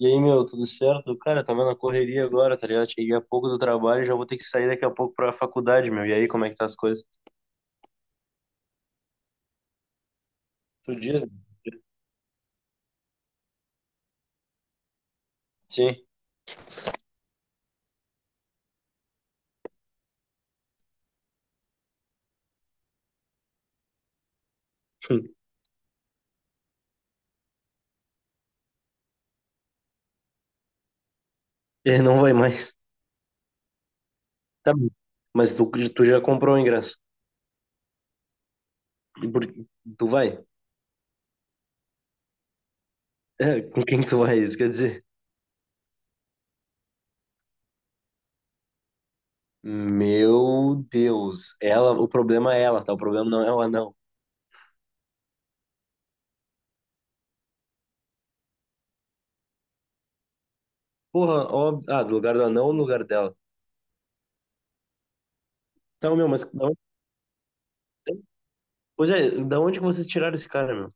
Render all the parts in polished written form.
E aí, meu, tudo certo? Cara, tá vendo a correria agora, tá ligado? Cheguei há pouco do trabalho, e já vou ter que sair daqui a pouco pra faculdade, meu. E aí, como é que tá as coisas? Tu diz? Sim. Ele não vai mais. Tá bom. Mas tu já comprou o ingresso. E por- Tu vai? É, com quem que tu vai? Isso quer dizer? Meu Deus. Ela, o problema é ela, tá? O problema não é o anão. Porra, óbvio. Ah, do lugar do anão ou no lugar dela. Então, meu, mas da onde, pois é, da onde que vocês tiraram esse cara, meu?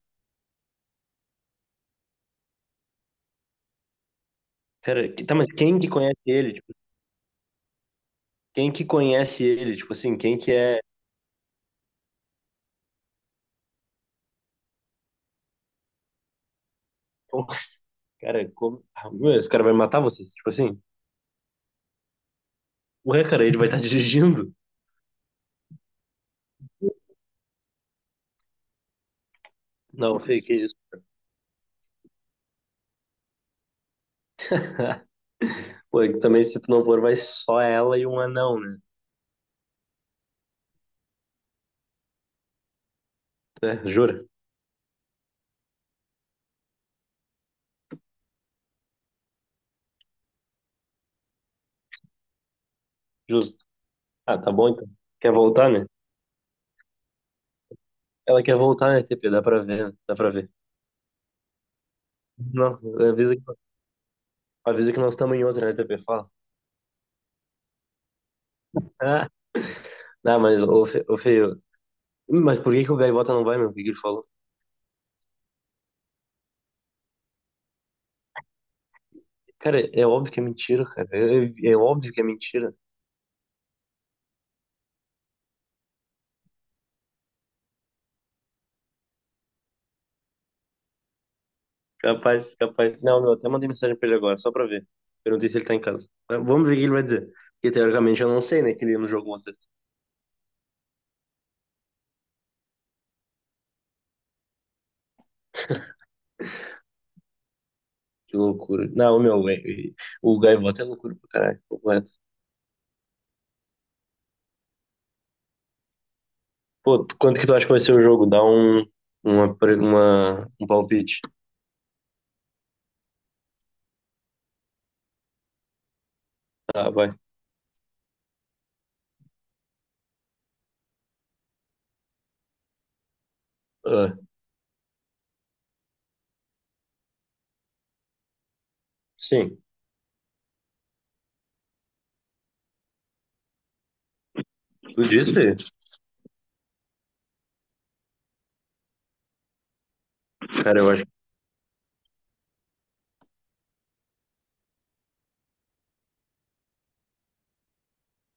Cara, tá, mas quem que conhece ele? Quem que conhece ele? Tipo assim, quem que é. Ah, meu, esse cara vai matar vocês? Tipo assim, ué, cara, ele vai estar dirigindo? Não, Fê, que isso? Pô, e também se tu não for, vai só ela e um anão, né? É, jura? Justo. Ah, tá bom então. Quer voltar, né? Ela quer voltar, né, TP? Dá pra ver, né? Dá pra ver. Não, avisa que, avisa que nós estamos em outra, né, TP? Fala. Ah, não, mas, ô, Fê, mas por que que o Gaivota não vai, meu? O que que ele falou? Cara, é óbvio que é mentira, cara. É óbvio que é mentira. Capaz, capaz. Não, meu, até mandei mensagem pra ele agora, só pra ver. Perguntei se ele tá em casa. Mas vamos ver o que ele vai dizer. Porque teoricamente eu não sei, né, que ele não jogou você. Que loucura. Não, meu, o Gaivota é loucura pra caralho. Completo. Pô, quanto que tu acha que vai ser o jogo? Dá um palpite. Tá, vai. Ah, sim. Tu disse? Cara, eu acho,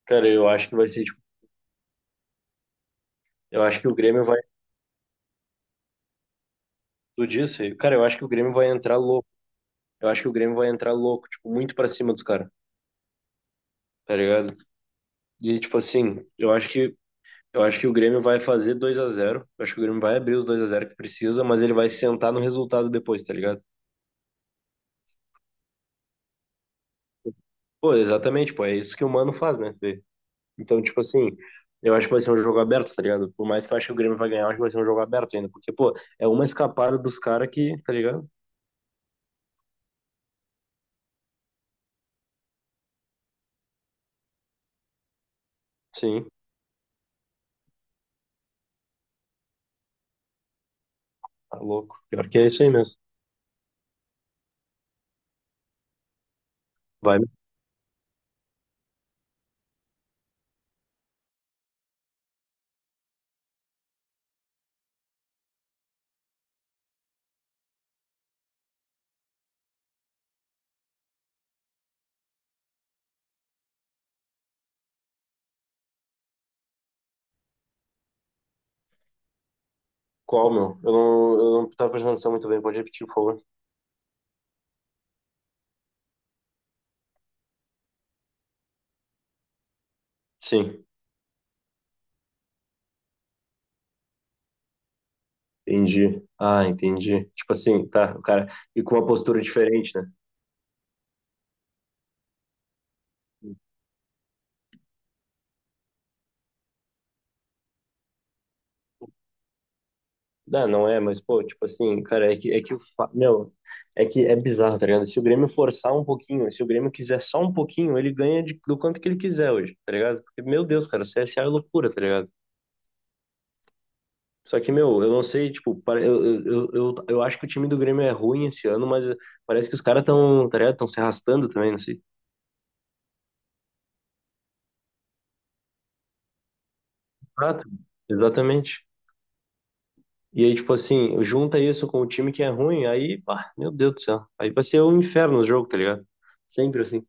eu acho que vai ser, tipo, eu acho que o Grêmio vai. Tu disse? Cara, eu acho que o Grêmio vai entrar louco. Eu acho que o Grêmio vai entrar louco, tipo, muito pra cima dos caras, tá ligado? E, tipo assim, eu acho que o Grêmio vai fazer 2-0. Eu acho que o Grêmio vai abrir os 2-0 que precisa, mas ele vai sentar no resultado depois, tá ligado? Pô, exatamente, pô, é isso que o Mano faz, né? Fê? Então, tipo assim, eu acho que vai ser um jogo aberto, tá ligado? Por mais que eu acho que o Grêmio vai ganhar, eu acho que vai ser um jogo aberto ainda, porque, pô, é uma escapada dos caras que, tá ligado? Sim, tá louco. Pior que é isso aí mesmo. Vai. Qual, meu? Eu não tava prestando atenção muito bem, pode repetir, por favor. Sim, entendi. Ah, entendi. Tipo assim, tá, o cara, e com uma postura diferente, né? Não, não é, mas, pô, tipo assim, cara, é que meu, é que é bizarro, tá ligado? Se o Grêmio forçar um pouquinho, se o Grêmio quiser só um pouquinho, ele ganha do quanto que ele quiser hoje, tá ligado? Porque, meu Deus, cara, o C S A é loucura, tá ligado? Só que, meu, eu não sei, tipo, eu acho que o time do Grêmio é ruim esse ano, mas parece que os caras estão, tá ligado? Estão se arrastando também, não sei. Ah, exatamente. E aí, tipo assim, junta isso com o time que é ruim, aí, pá, meu Deus do céu. Aí vai ser um inferno o jogo, tá ligado? Sempre assim.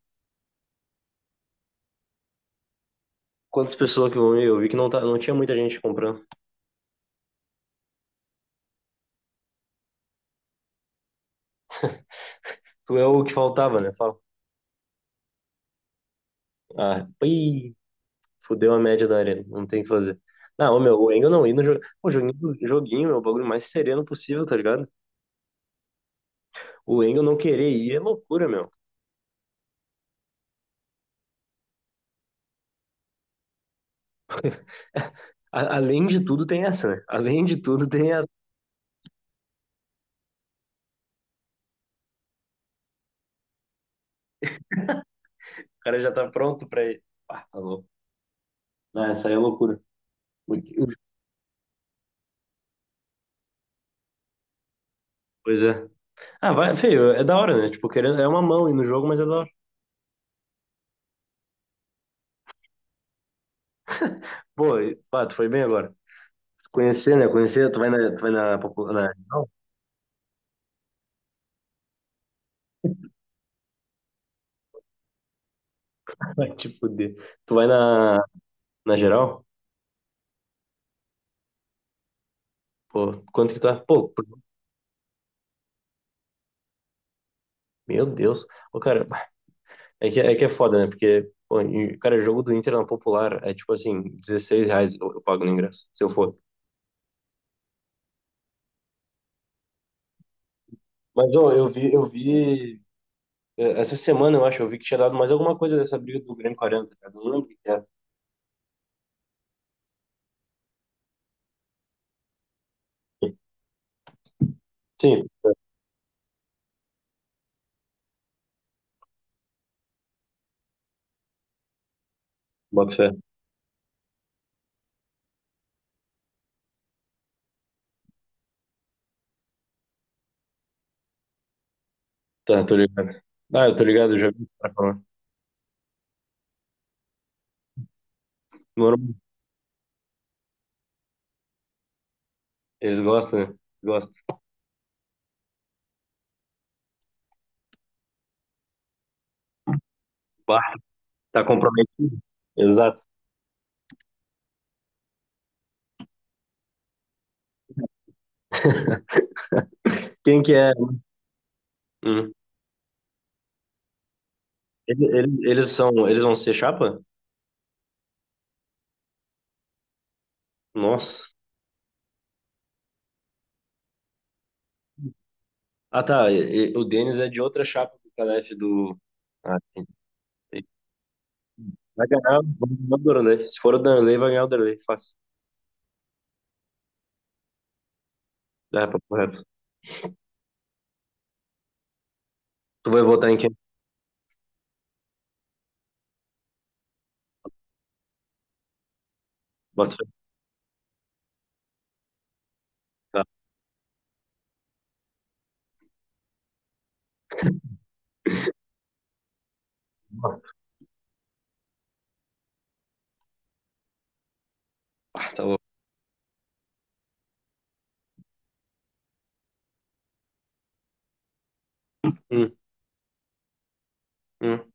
Quantas pessoas que vão ver? Eu vi que não, tá, não tinha muita gente comprando. Tu é o que faltava, né? Fala. Ah, ui, fudeu a média da arena. Não tem o que fazer. Não, ô, meu, o Engel não ir no jogo. O joguinho, joguinho, meu, o bagulho mais sereno possível, tá ligado? O Engel não querer ir é loucura, meu. Além de tudo, tem essa, né? Além de tudo, tem essa. O cara já tá pronto pra ir. Ah, tá louco. Ah, essa aí é loucura. O- o- Pois é. Ah, vai, feio, é da hora, né? Tipo, querendo, é uma mão ir no jogo, mas é da hora. Pô, pá, tu foi bem agora. Conhecer, né? Conhecer, tu vai na, popular. Vai te fuder. Tu vai na, geral? Pô, quanto que tá? Pô, meu Deus. Ô, cara, é que é foda, né? Porque, pô, e, cara, jogo do Inter na Popular é tipo assim, R$ 16 eu pago no ingresso, se eu for. Mas, ô, eu vi, essa semana eu acho, eu vi que tinha dado mais alguma coisa dessa briga do Grêmio 40, cara. Não lembro o que que era. Sim, bota fé. Tá, tô ligado. Ah, eu tô ligado, eu já vi o cara falar. Normal. Eles gostam, né? Gostam. Bah, tá comprometido. Exato. Quem que é? Hum. Eles vão ser chapa? Nossa. Ah, tá. O Denis é de outra chapa do Calef do. Ah, sim. Vai ganhar, vai ganhar o Danley. Se for o Danley, vai ganhar o Danley. Fácil. É, papo reto. Tu vai votar em quem? Bota fé. Tá. Ah, tá louco. Hum, hum.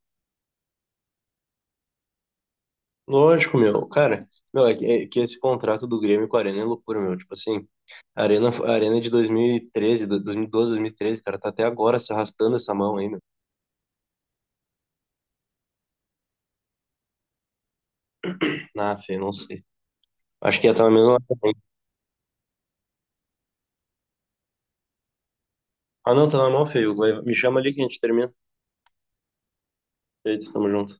Lógico, meu. Cara, meu, é que esse contrato do Grêmio com a Arena é loucura, meu. Tipo assim, a Arena é de 2013, 2012, 2013, cara, tá até agora se arrastando essa mão aí, meu. Na fé, não sei. Acho que ia estar na mesma. Ah, não, tá na mão, feio. Me chama ali que a gente termina. Feito, tamo junto.